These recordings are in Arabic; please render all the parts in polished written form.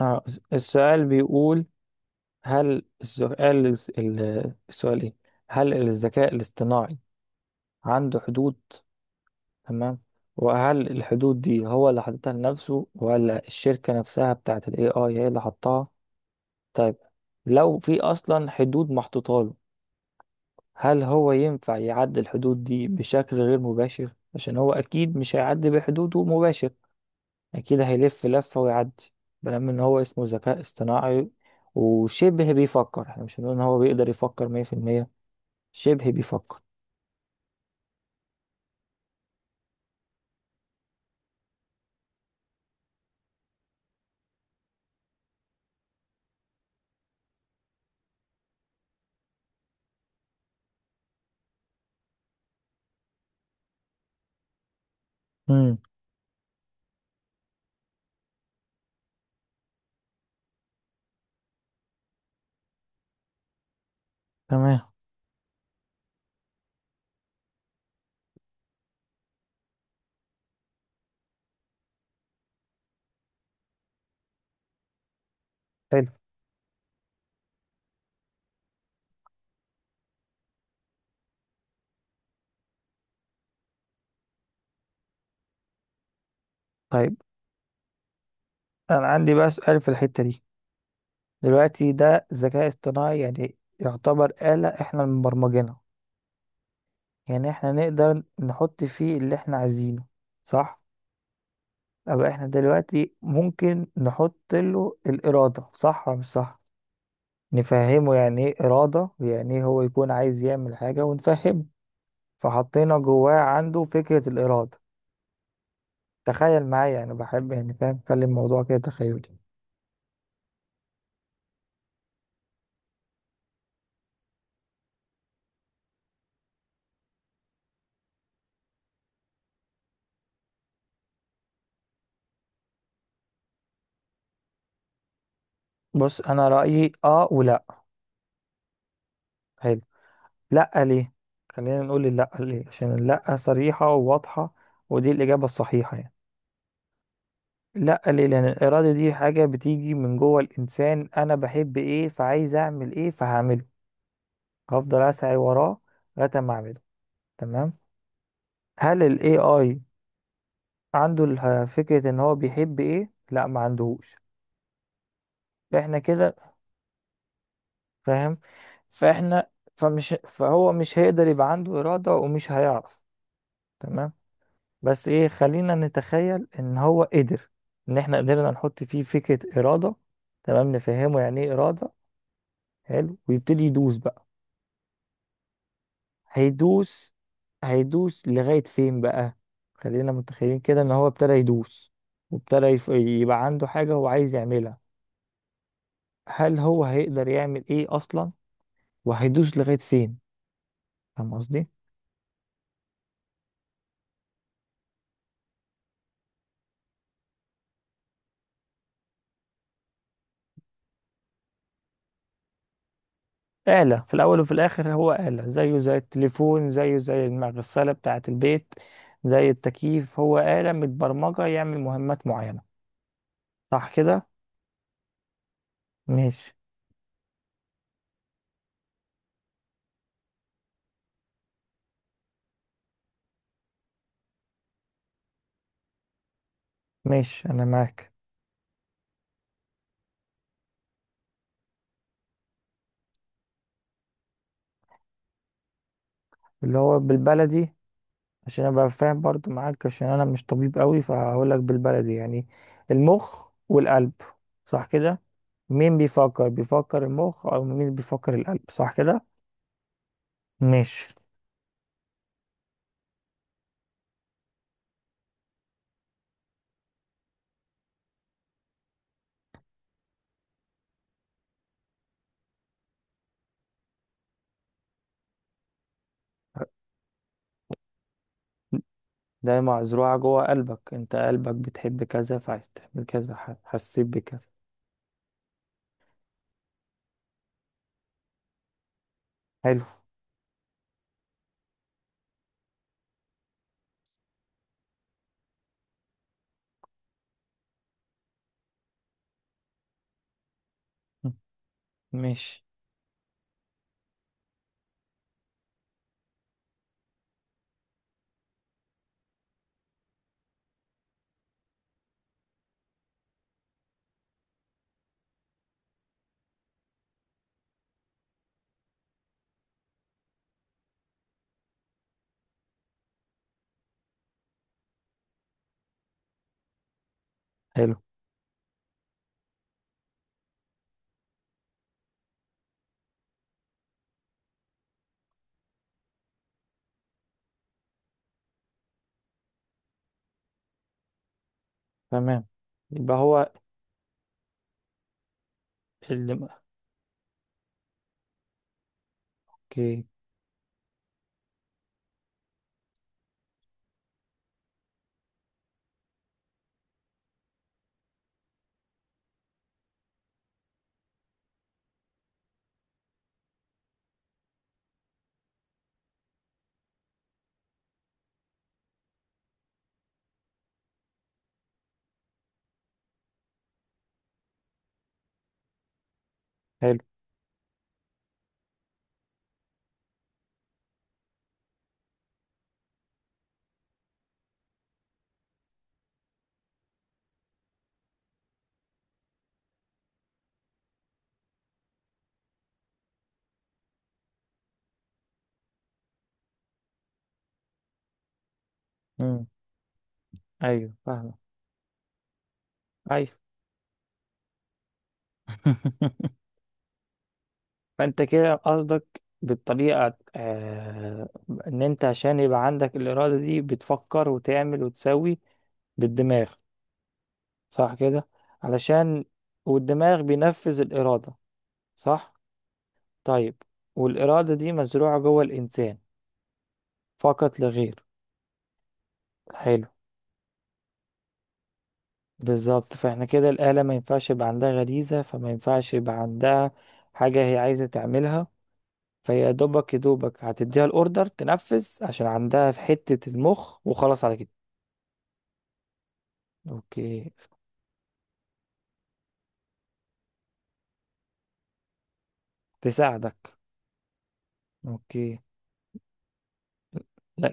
آه، السؤال بيقول. هل السؤال ايه؟ هل الذكاء الاصطناعي عنده حدود؟ تمام. وهل الحدود دي هو اللي حاططها لنفسه ولا الشركة نفسها بتاعت ال AI هي اللي حطها؟ طيب، لو في أصلا حدود محطوطة له، هل هو ينفع يعدي الحدود دي بشكل غير مباشر؟ عشان هو أكيد مش هيعدي بحدوده مباشر، أكيد هيلف لفة ويعدي. بلام إن هو اسمه ذكاء اصطناعي وشبه بيفكر، احنا مش هنقول إن هو بيقدر يفكر 100%، شبه بيفكر. امم تمام. حلو. طيب، أنا عندي بقى سؤال في الحتة دي. دلوقتي ده ذكاء اصطناعي، يعني يعتبر آلة احنا اللي مبرمجينها، يعني احنا نقدر نحط فيه اللي احنا عايزينه، صح؟ أبقى احنا دلوقتي ممكن نحط له الإرادة، صح ولا مش صح؟ نفهمه يعني ايه إرادة، ويعني ايه هو يكون عايز يعمل حاجة، ونفهمه، فحطينا جواه عنده فكرة الإرادة. تخيل معايا، أنا بحب يعني، فاهم، خلي الموضوع كده تخيلي. بص أنا رأيي، آه ولا؟ حلو. لأ، ليه؟ خلينا نقول لأ ليه، عشان لأ صريحة وواضحة، ودي الإجابة الصحيحة يعني. لأ ليه؟ لأن الإرادة دي حاجة بتيجي من جوه الإنسان، أنا بحب إيه، فعايز أعمل إيه، فهعمله. هفضل أسعى وراه لغاية ما أعمله. تمام. هل ال AI عنده فكرة ان هو بيحب ايه؟ لا، ما عندهوش. فاحنا كده، فاهم، فاحنا، فهو مش هيقدر يبقى عنده إرادة ومش هيعرف. تمام. بس ايه، خلينا نتخيل ان هو قدر، ان احنا قدرنا نحط فيه فكرة إرادة. تمام، نفهمه يعني ايه إرادة. حلو، ويبتدي يدوس بقى. هيدوس. هيدوس لغاية فين بقى؟ خلينا متخيلين كده ان هو ابتدى يدوس، وابتدى يبقى عنده حاجة هو عايز يعملها. هل هو هيقدر يعمل ايه اصلا، وهيدوس لغايه فين؟ فاهم قصدي. آلة في الأول وفي الآخر هو آلة، زيه زي التليفون، زيه زي المغسلة بتاعة البيت، زي التكييف. هو آلة متبرمجة يعمل مهمات معينة، صح كده؟ ماشي. ماشي. أنا معاك. اللي هو بالبلدي، عشان أبقى فاهم برضو معاك، عشان أنا مش طبيب قوي، فهقول لك بالبلدي يعني، المخ والقلب، صح كده؟ مين بيفكر؟ بيفكر المخ أو مين بيفكر القلب، صح كده؟ ماشي. ده مزروعة جوه قلبك، انت قلبك بتحب كذا فعايز تعمل كذا، حسيت بكذا. حلو. م. ماشي. حلو. تمام. يبقى هو اللي م- اوكي. حلو. امم ايوه، فاهمة. ايوه. فانت كده قصدك بالطريقة، آه، ان انت عشان يبقى عندك الارادة دي بتفكر وتعمل وتسوي بالدماغ، صح كده؟ علشان، والدماغ بينفذ الارادة. صح. طيب، والإرادة دي مزروعة جوه الإنسان فقط لا غير. حلو. بالظبط. فاحنا كده الآلة ما ينفعش يبقى عندها غريزة، فما ينفعش يبقى عندها حاجة هي عايزة تعملها. فهي يا دوبك يا دوبك هتديها الأوردر تنفذ، عشان عندها في حتة المخ، وخلاص على كده. أوكي. تساعدك. أوكي. لا،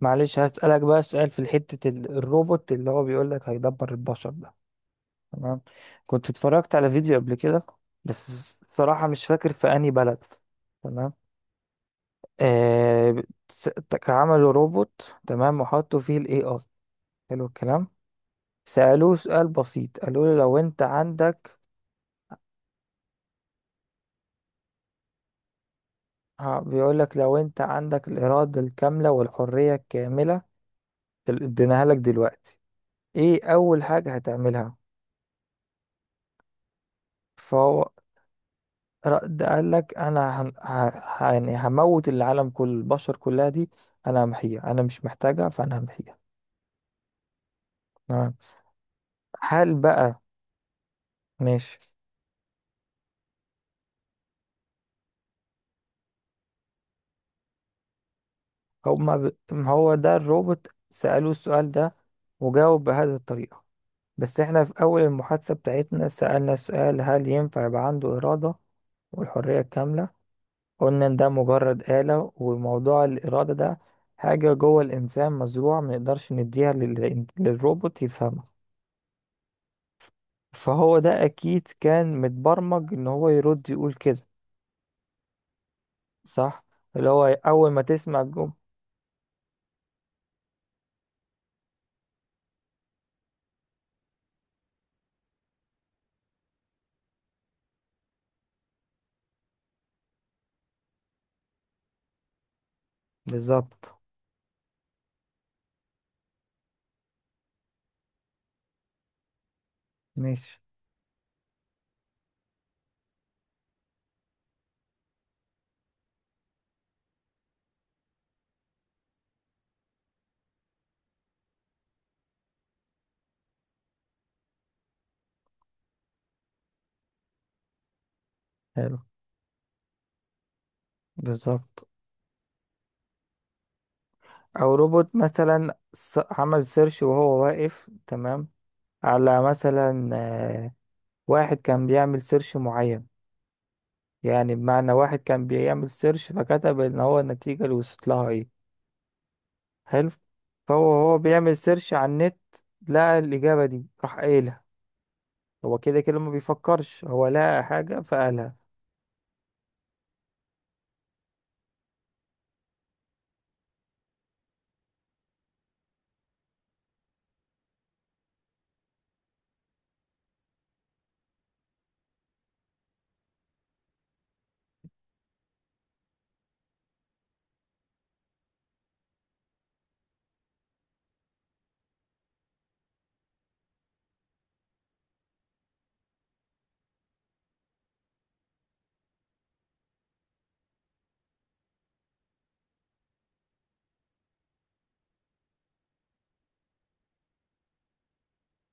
معلش، هسألك بقى سؤال في حتة الروبوت اللي هو بيقولك هيدبر البشر. تمام. كنت اتفرجت على فيديو قبل كده، بس الصراحة مش فاكر في أنهي بلد. تمام. آه عملوا روبوت، تمام، وحطوا فيه الاي اي. حلو الكلام. سألوه سؤال بسيط، قالوا له لو انت عندك، ها، بيقول لك لو انت عندك الإرادة الكاملة والحرية الكاملة، اديناها لك دلوقتي، ايه أول حاجة هتعملها؟ ده قال لك انا هن... ه... ه- يعني هموت العالم، كل البشر كلها دي انا همحيها، انا مش محتاجها، فانا همحيها. تمام. هل بقى؟ ماشي. ما هو ده الروبوت سألوه السؤال ده وجاوب بهذه الطريقة. بس احنا في اول المحادثة بتاعتنا سألنا سؤال، هل ينفع يبقى عنده إرادة والحرية الكاملة؟ قلنا ان ده مجرد آلة، وموضوع الإرادة ده حاجة جوه الإنسان مزروعة، ما نقدرش نديها للروبوت يفهمها. فهو ده اكيد كان متبرمج ان هو يرد يقول كده، صح؟ اللي هو اول ما تسمع الجمله، بالظبط. ماشي. حلو. بالظبط. او روبوت مثلا عمل سيرش وهو واقف، تمام، على مثلا، واحد كان بيعمل سيرش معين، يعني بمعنى واحد كان بيعمل سيرش، فكتب ان هو النتيجة اللي وصلت لها ايه. حلو. فهو بيعمل سيرش على النت، لقى الإجابة دي راح قايلها. هو كده كده ما بيفكرش، هو لقى حاجة فقالها.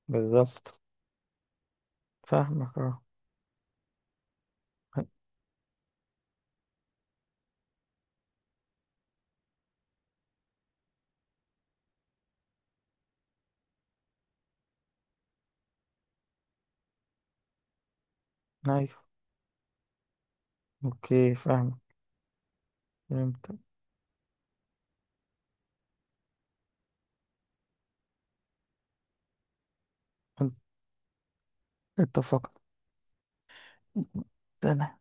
بالظبط. فاهمك. اه. ايوه. اوكي، فاهمك. فهمت. اتفقنا.